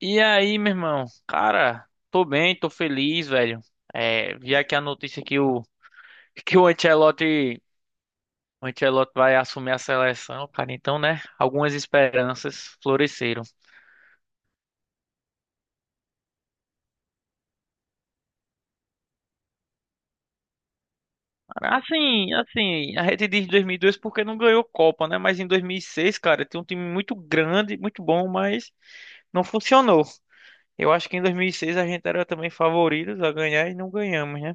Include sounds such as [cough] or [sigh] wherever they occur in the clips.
E aí, meu irmão? Cara, tô bem, tô feliz, velho. É, vi aqui a notícia que o [laughs] que o Ancelotti vai assumir a seleção, cara. Então, né? Algumas esperanças floresceram. Assim, a gente diz 2002 porque não ganhou Copa, né? Mas em 2006, cara, tem um time muito grande, muito bom, mas não funcionou. Eu acho que em 2006 a gente era também favoritos a ganhar e não ganhamos, né?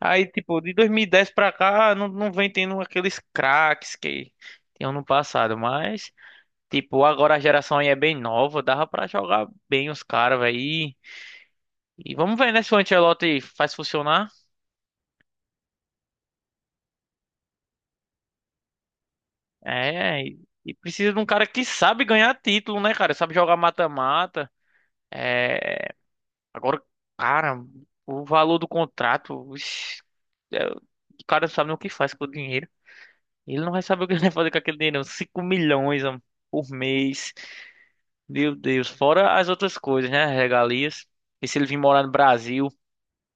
Aí, tipo, de 2010 pra cá, não vem tendo aqueles craques que tinham no passado, mas, tipo, agora a geração aí é bem nova, dava pra jogar bem os caras, velho. E vamos ver, né, se o Ancelotti faz funcionar. É, e precisa de um cara que sabe ganhar título, né, cara? Sabe jogar mata-mata. Agora, cara, o valor do contrato, ixi, o cara não sabe nem o que faz com o dinheiro. Ele não vai saber o que ele vai fazer com aquele dinheiro, não. 5 milhões, mano, por mês. Meu Deus, fora as outras coisas, né? Regalias. E se ele vir morar no Brasil,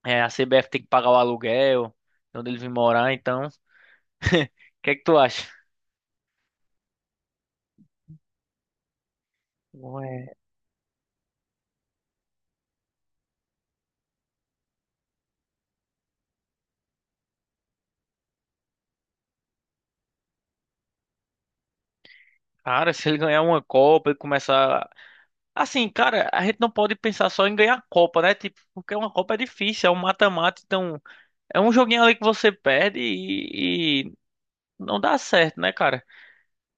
a CBF tem que pagar o aluguel, onde ele vir morar, então. [laughs] O que é que tu acha? Ué. Cara, se ele ganhar uma Copa e começar. Assim, cara, a gente não pode pensar só em ganhar a Copa, né? Tipo, porque uma Copa é difícil, é um mata-mata, então é um joguinho ali que você perde e não dá certo, né, cara?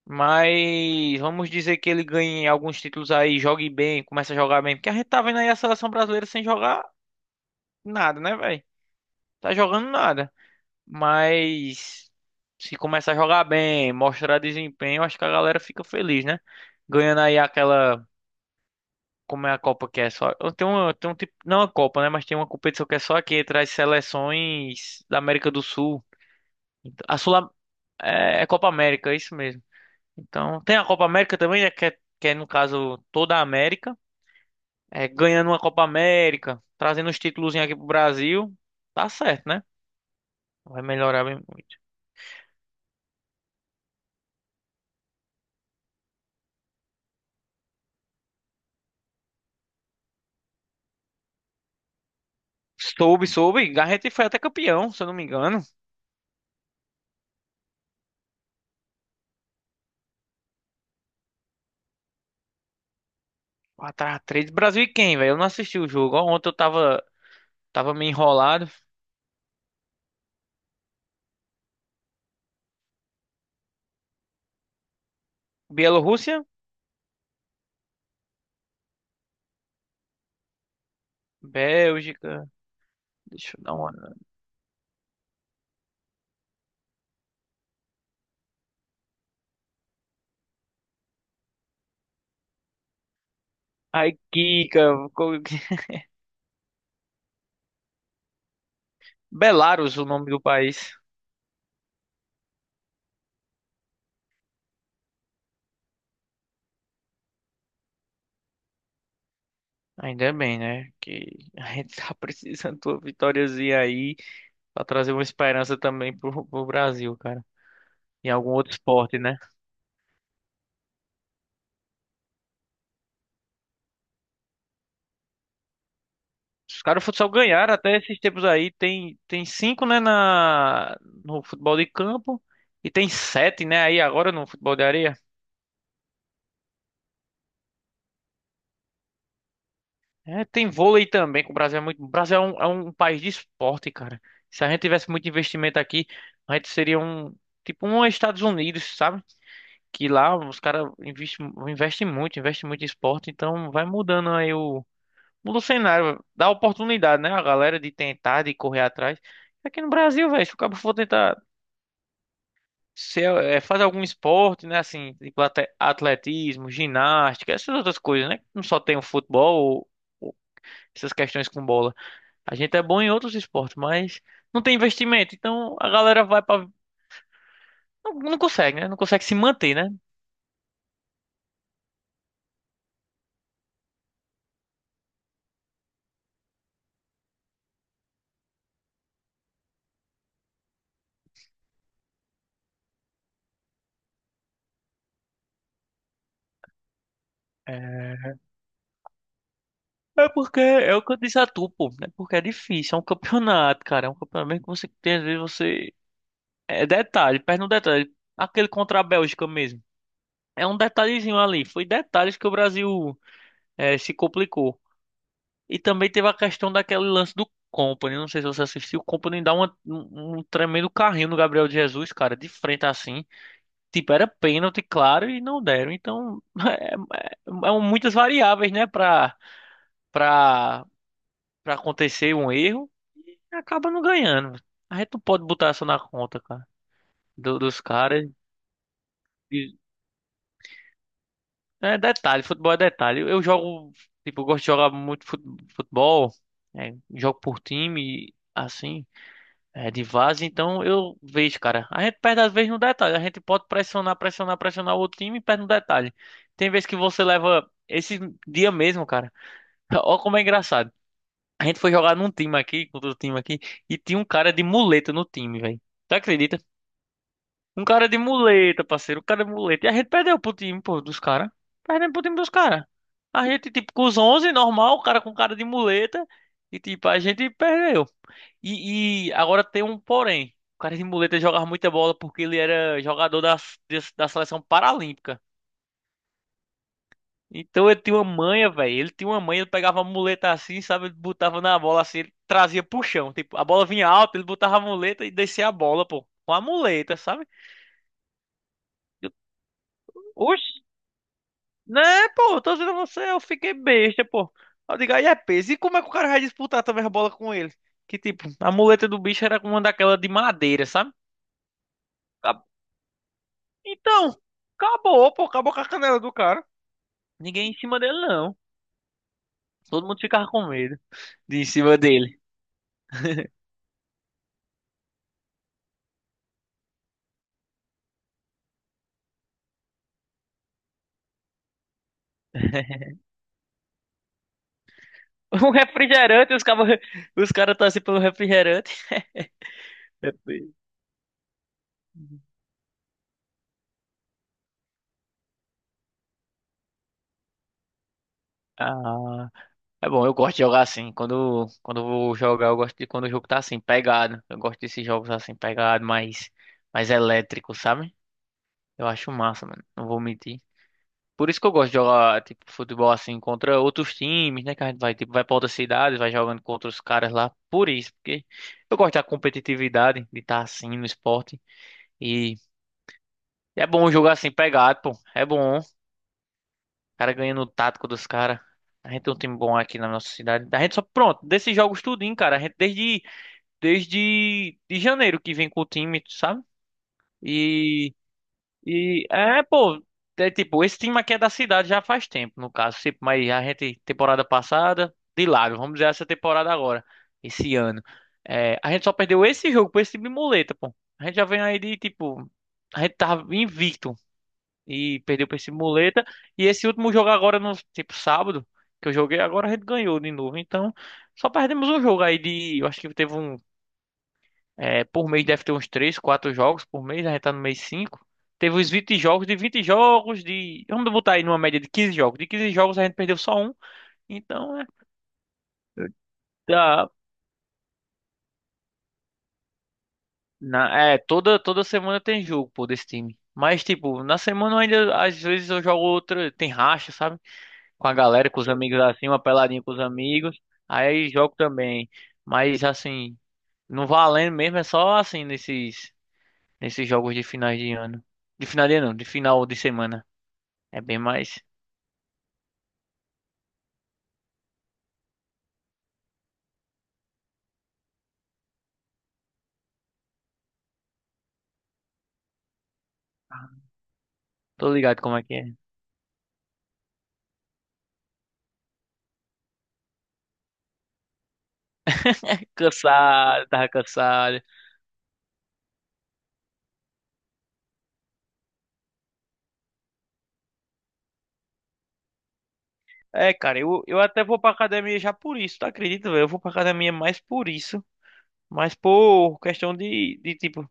Mas vamos dizer que ele ganhe alguns títulos aí, jogue bem, comece a jogar bem, porque a gente tá vendo aí a seleção brasileira sem jogar nada, né, velho? Tá jogando nada. Mas se começar a jogar bem, mostrar desempenho, acho que a galera fica feliz, né? Ganhando aí aquela. Como é a Copa que é só. Tem um tipo. Não a Copa, né? Mas tem uma competição que é só aqui, traz seleções da América do Sul. Então, A Sul é Copa América, é isso mesmo. Então, tem a Copa América também, né? Que é, no caso toda a América. É, ganhando uma Copa América, trazendo os títulos aqui pro Brasil. Tá certo, né? Vai melhorar bem. Soube, soube. A gente foi até campeão, se eu não me engano. Quatro x 3 Brasil e quem, velho? Eu não assisti o jogo. Ó, ontem eu tava meio enrolado. Bielorrússia? Bélgica. Deixa eu dar uma olhada. Ai, Kika. [laughs] Belarus, o nome do país. Ainda é bem, né? Que a gente tá [laughs] precisando de uma vitóriazinha aí pra trazer uma esperança também pro Brasil, cara. Em algum outro esporte, né? Os caras do futsal ganharam até esses tempos aí. Tem cinco, né, na, no futebol de campo. E tem sete, né, aí agora no futebol de areia. É, tem vôlei também, que o Brasil é muito. O Brasil é um país de esporte, cara. Se a gente tivesse muito investimento aqui, a gente seria um. Tipo um Estados Unidos, sabe? Que lá os caras investem, investem muito em esporte, então vai mudando aí o. Muda o cenário, dá oportunidade, né? A galera de tentar, de correr atrás. Aqui no Brasil, velho, se o cabo for tentar. Se é, faz algum esporte, né? Assim, tipo atletismo, ginástica, essas outras coisas, né? Não só tem o futebol ou essas questões com bola. A gente é bom em outros esportes, mas não tem investimento. Então a galera vai para não consegue, né? Não consegue se manter, né? É, é porque é o que eu disse a tu, pô, né? Porque é difícil, é um campeonato, cara. É um campeonato que você tem, às vezes você. É detalhe, perde um detalhe. Aquele contra a Bélgica mesmo. É um detalhezinho ali. Foi detalhes que o Brasil se complicou. E também teve a questão daquele lance do Company. Não sei se você assistiu. O Company dá um tremendo carrinho no Gabriel Jesus, cara, de frente assim. Tipo, era pênalti, claro, e não deram. Então, [laughs] é, é um, muitas variáveis, né, pra, pra acontecer um erro. E acaba não ganhando. A gente não pode botar isso na conta, cara, dos caras. E- É detalhe, futebol é detalhe. Eu jogo, tipo, eu gosto de jogar muito futebol, né, jogo por time, assim. É de vaza, então eu vejo, cara. A gente perde às vezes no detalhe. A gente pode pressionar, pressionar, pressionar o outro time e perde no detalhe. Tem vezes que você leva esse dia mesmo, cara. [laughs] Olha como é engraçado. A gente foi jogar num time aqui, com outro time aqui, e tinha um cara de muleta no time, velho. Tu acredita? Um cara de muleta, parceiro. Um cara de muleta. E a gente perdeu pro time, pô, dos caras. Perdemos pro time dos caras. A gente, tipo, com os 11 normal, o cara com cara de muleta. E, tipo, a gente perdeu. E agora tem um porém. O cara de muleta jogava muita bola porque ele era jogador da seleção paralímpica. Então ele tinha uma manha, velho. Ele tinha uma manha, ele pegava a muleta assim, sabe? Ele botava na bola assim, ele trazia pro chão. Tipo, a bola vinha alta, ele botava a muleta e descia a bola, pô. Com a muleta, sabe? Oxi, né, pô? Tô dizendo a você, eu fiquei besta, pô. Eu digo, aí é peso. E como é que o cara vai disputar também a bola com ele? Que tipo, a muleta do bicho era uma daquela de madeira, sabe? Então, acabou, pô, acabou com a canela do cara. Ninguém em cima dele, não. Todo mundo ficava com medo de ir em cima dele. [laughs] Um refrigerante, os caras os cara tá assim pelo refrigerante. [laughs] Ah, é bom, eu gosto de jogar assim. Quando eu vou jogar, eu gosto de quando o jogo tá assim, pegado. Eu gosto desses jogos assim, pegado, mais elétrico, sabe? Eu acho massa, mano. Não vou mentir. Por isso que eu gosto de jogar, tipo, futebol assim contra outros times, né? Que a gente vai, tipo, vai pra outras cidades, vai jogando contra os caras lá. Por isso, porque eu gosto da competitividade, de estar assim no esporte. E é bom jogar assim pegado, pô. É bom. O cara ganhando o tático dos caras. A gente tem um time bom aqui na nossa cidade. A gente só, pronto, desses jogos tudinho, cara. A gente desde de janeiro que vem com o time, sabe? e E é, pô, é tipo, esse time aqui é da cidade já faz tempo, no caso. Tipo, mas a gente, temporada passada, de lado, vamos dizer essa temporada agora, esse ano. É, a gente só perdeu esse jogo pra esse time de muleta, pô. A gente já vem aí de, tipo, a gente tava invicto e perdeu pra esse muleta. E esse último jogo agora, no, tipo, sábado, que eu joguei, agora a gente ganhou de novo. Então, só perdemos um jogo aí de, eu acho que teve um é, por mês deve ter uns 3, 4 jogos por mês, né? A gente tá no mês 5. Teve os 20 jogos, de 20 jogos, de. Vamos botar aí numa média de 15 jogos. De 15 jogos a gente perdeu só um. Então é. Tá. Na, é, toda semana tem jogo, pô, desse time. Mas, tipo, na semana eu ainda, às vezes eu jogo outra, tem racha, sabe? Com a galera, com os amigos assim, uma peladinha com os amigos. Aí jogo também. Mas, assim, não valendo mesmo, é só assim, nesses jogos de finais de ano. De final de ano, não, de final de semana. É bem mais. Tô ligado como é que é. [laughs] Cansado, tava cansado. É, cara, eu até vou pra academia já por isso, tu acredita, velho? Eu vou pra academia mais por isso. Mas por questão de tipo.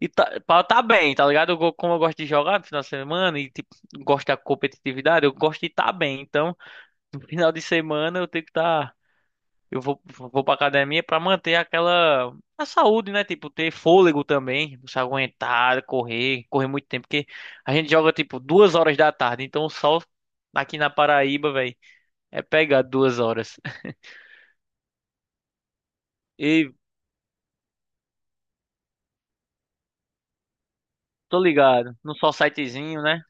E tá, pra eu tá bem, tá ligado? Eu, como eu gosto de jogar no final de semana e, tipo, gosto da competitividade, eu gosto de estar tá bem. Então, [laughs] no final de semana eu tenho que estar. Eu vou pra academia pra manter aquela a saúde, né? Tipo, ter fôlego também, você aguentar, correr muito tempo, porque a gente joga tipo 2 horas da tarde, então o sol aqui na Paraíba, velho, é pegar 2 horas. [laughs] E tô ligado, no sol sitezinho, né?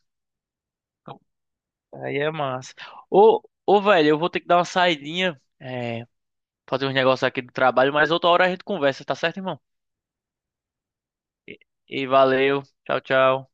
Aí é massa. Ô, velho, eu vou ter que dar uma saidinha, é, fazer uns negócios aqui do trabalho, mas outra hora a gente conversa, tá certo, irmão? E valeu, tchau, tchau.